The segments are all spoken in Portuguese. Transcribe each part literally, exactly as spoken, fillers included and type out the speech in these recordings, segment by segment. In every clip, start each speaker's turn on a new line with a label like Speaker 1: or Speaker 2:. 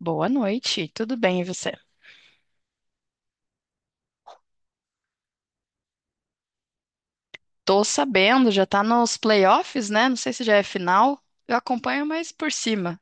Speaker 1: Boa noite, tudo bem e você? Tô sabendo, já tá nos playoffs, né? Não sei se já é final. Eu acompanho mais por cima.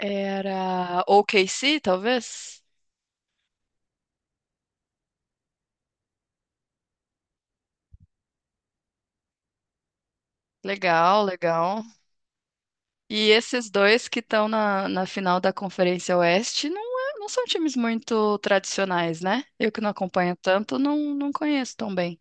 Speaker 1: Era O K C, talvez? Legal, legal. E esses dois que estão na, na final da Conferência Oeste não, é- não são times muito tradicionais, né? Eu que não acompanho tanto, não, não conheço tão bem.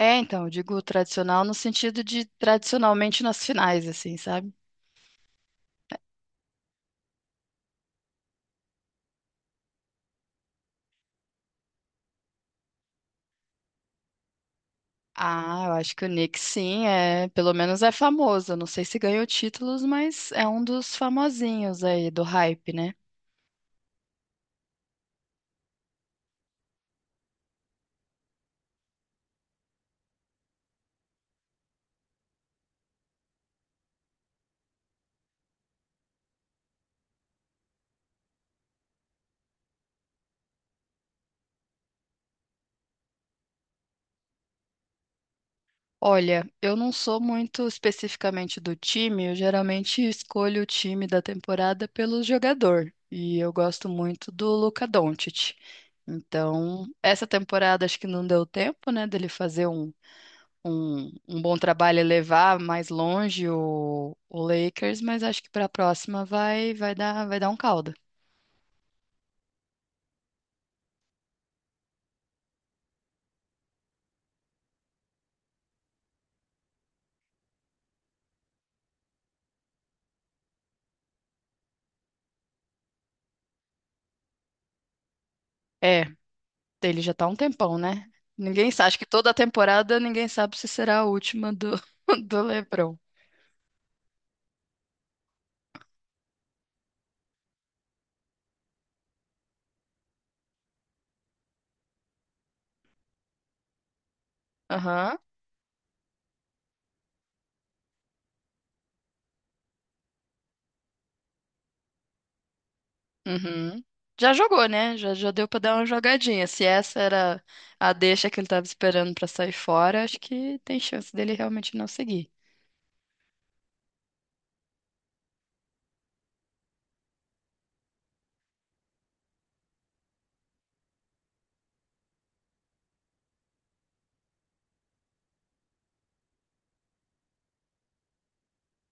Speaker 1: É, então, eu digo tradicional no sentido de tradicionalmente nas finais, assim, sabe? Ah, eu acho que o Knicks sim, é, pelo menos é famoso. Eu não sei se ganhou títulos, mas é um dos famosinhos aí do hype, né? Olha, eu não sou muito especificamente do time, eu geralmente escolho o time da temporada pelo jogador, e eu gosto muito do Luka Doncic. Então, essa temporada acho que não deu tempo, né, dele fazer um, um, um bom trabalho e levar mais longe o, o Lakers, mas acho que para a próxima vai, vai dar, vai dar um caldo. É, ele já tá há um tempão, né? Ninguém sabe, acho que toda a temporada ninguém sabe se será a última do, do LeBron. Aham, uhum. Já jogou, né? Já, já deu pra dar uma jogadinha. Se essa era a deixa que ele tava esperando pra sair fora, acho que tem chance dele realmente não seguir.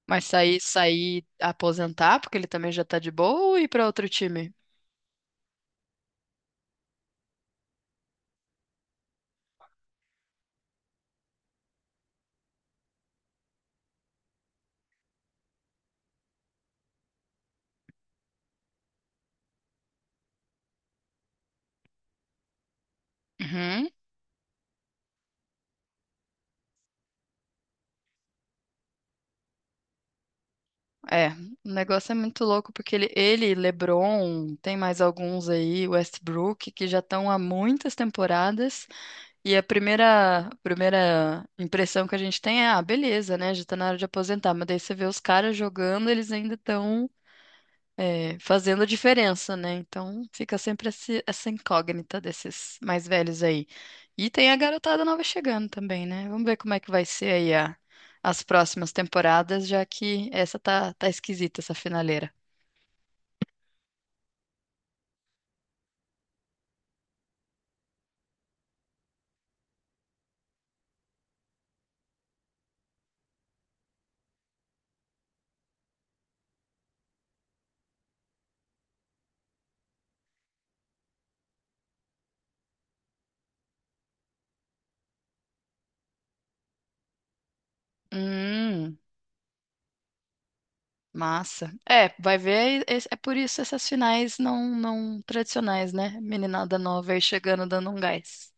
Speaker 1: Mas sair, sair, aposentar, porque ele também já tá de boa, ou ir pra outro time? Uhum. É, o negócio é muito louco porque ele, ele, LeBron, tem mais alguns aí, Westbrook, que já estão há muitas temporadas. E a primeira, a primeira impressão que a gente tem é, ah, beleza, né? Já tá na hora de aposentar. Mas daí você vê os caras jogando, eles ainda estão é, fazendo a diferença, né? Então fica sempre esse- essa incógnita desses mais velhos aí. E tem a garotada nova chegando também, né? Vamos ver como é que vai ser aí a- as próximas temporadas, já que essa tá, tá esquisita, essa finaleira. Hum, massa. É, vai ver, é, é por isso essas finais não, não tradicionais, né? Meninada nova aí chegando dando um gás.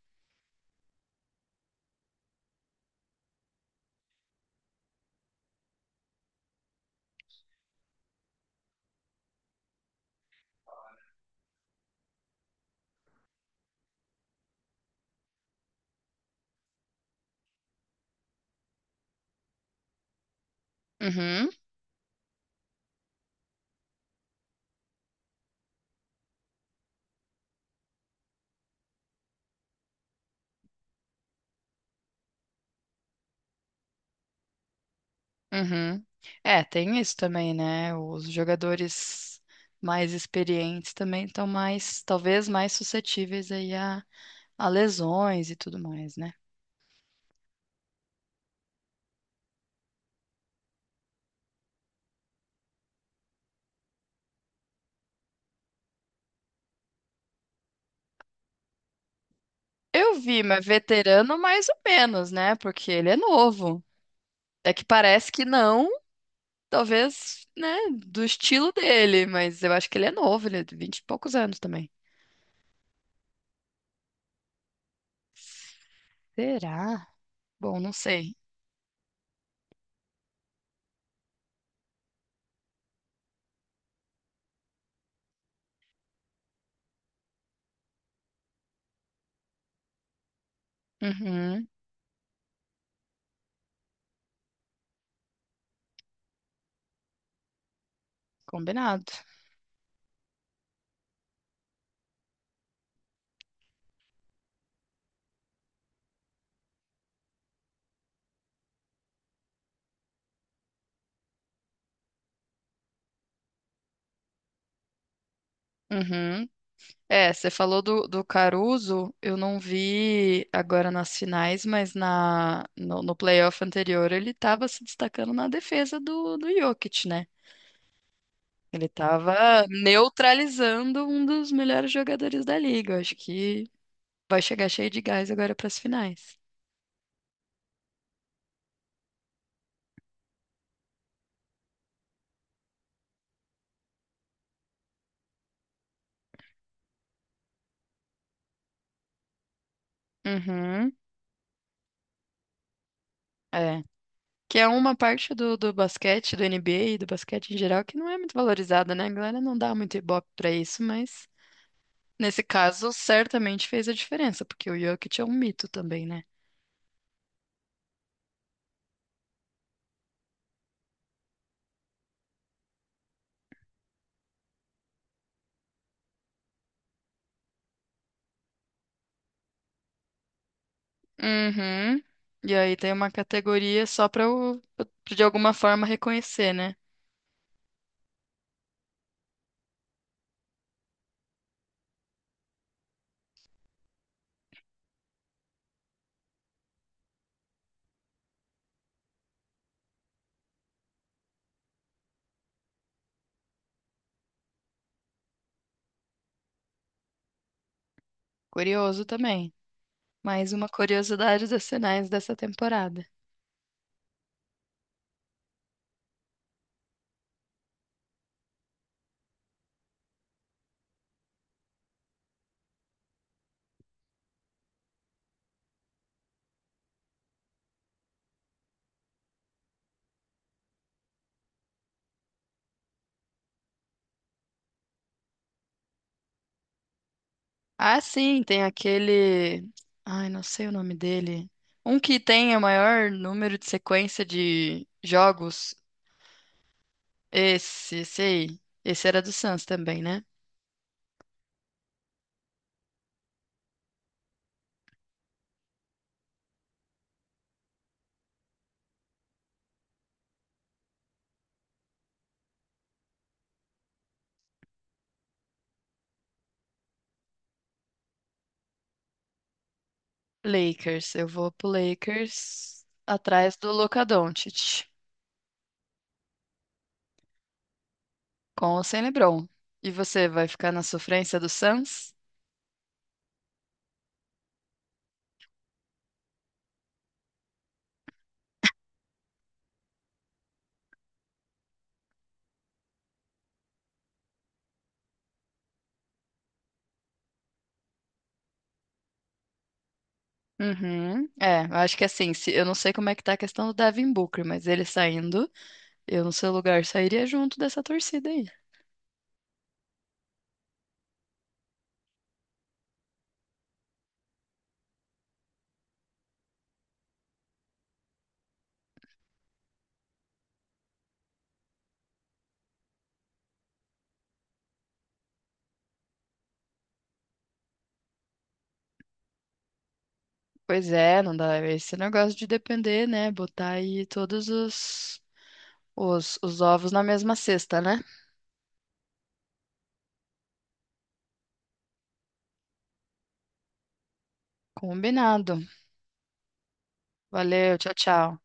Speaker 1: Uhum. Uhum. É, tem isso também, né? Os jogadores mais experientes também estão mais, talvez mais suscetíveis aí a, a lesões e tudo mais, né? Eu vi, mas veterano mais ou menos, né? Porque ele é novo. É que parece que não, talvez, né, do estilo dele, mas eu acho que ele é novo, ele é de vinte e poucos anos também. Será? Bom, não sei. Uhum, combinado. Uhum, é, você falou do, do Caruso, eu não vi agora nas finais, mas na, no, no playoff anterior ele estava se destacando na defesa do, do Jokic, né? Ele estava neutralizando um dos melhores jogadores da liga. Eu acho que vai chegar cheio de gás agora para as finais. Uhum, é. Que é uma parte do, do basquete, do N B A e do basquete em geral, que não é muito valorizada, né? A galera não dá muito ibope para isso, mas. Nesse caso, certamente fez a diferença, porque o Jokic é um mito também, né? Uhum. E aí tem uma categoria só pra eu, de alguma forma, reconhecer, né? Curioso também. Mais uma curiosidade dos sinais dessa temporada. Ah, sim, tem aquele. Ai, não sei o nome dele. Um que tem o maior número de sequência de jogos. Esse, esse aí. Esse era do Suns também, né? Lakers. Eu vou pro Lakers atrás do Luka Doncic, com ou sem LeBron. E você vai ficar na sofrência do Suns? Uhum. É, eu acho que assim, se, eu não sei como é que tá a questão do Devin Booker, mas ele saindo, eu no seu lugar sairia junto dessa torcida aí. Pois é, não dá. É esse negócio de depender, né? Botar aí todos os, os, os ovos na mesma cesta, né? Combinado. Valeu, tchau, tchau.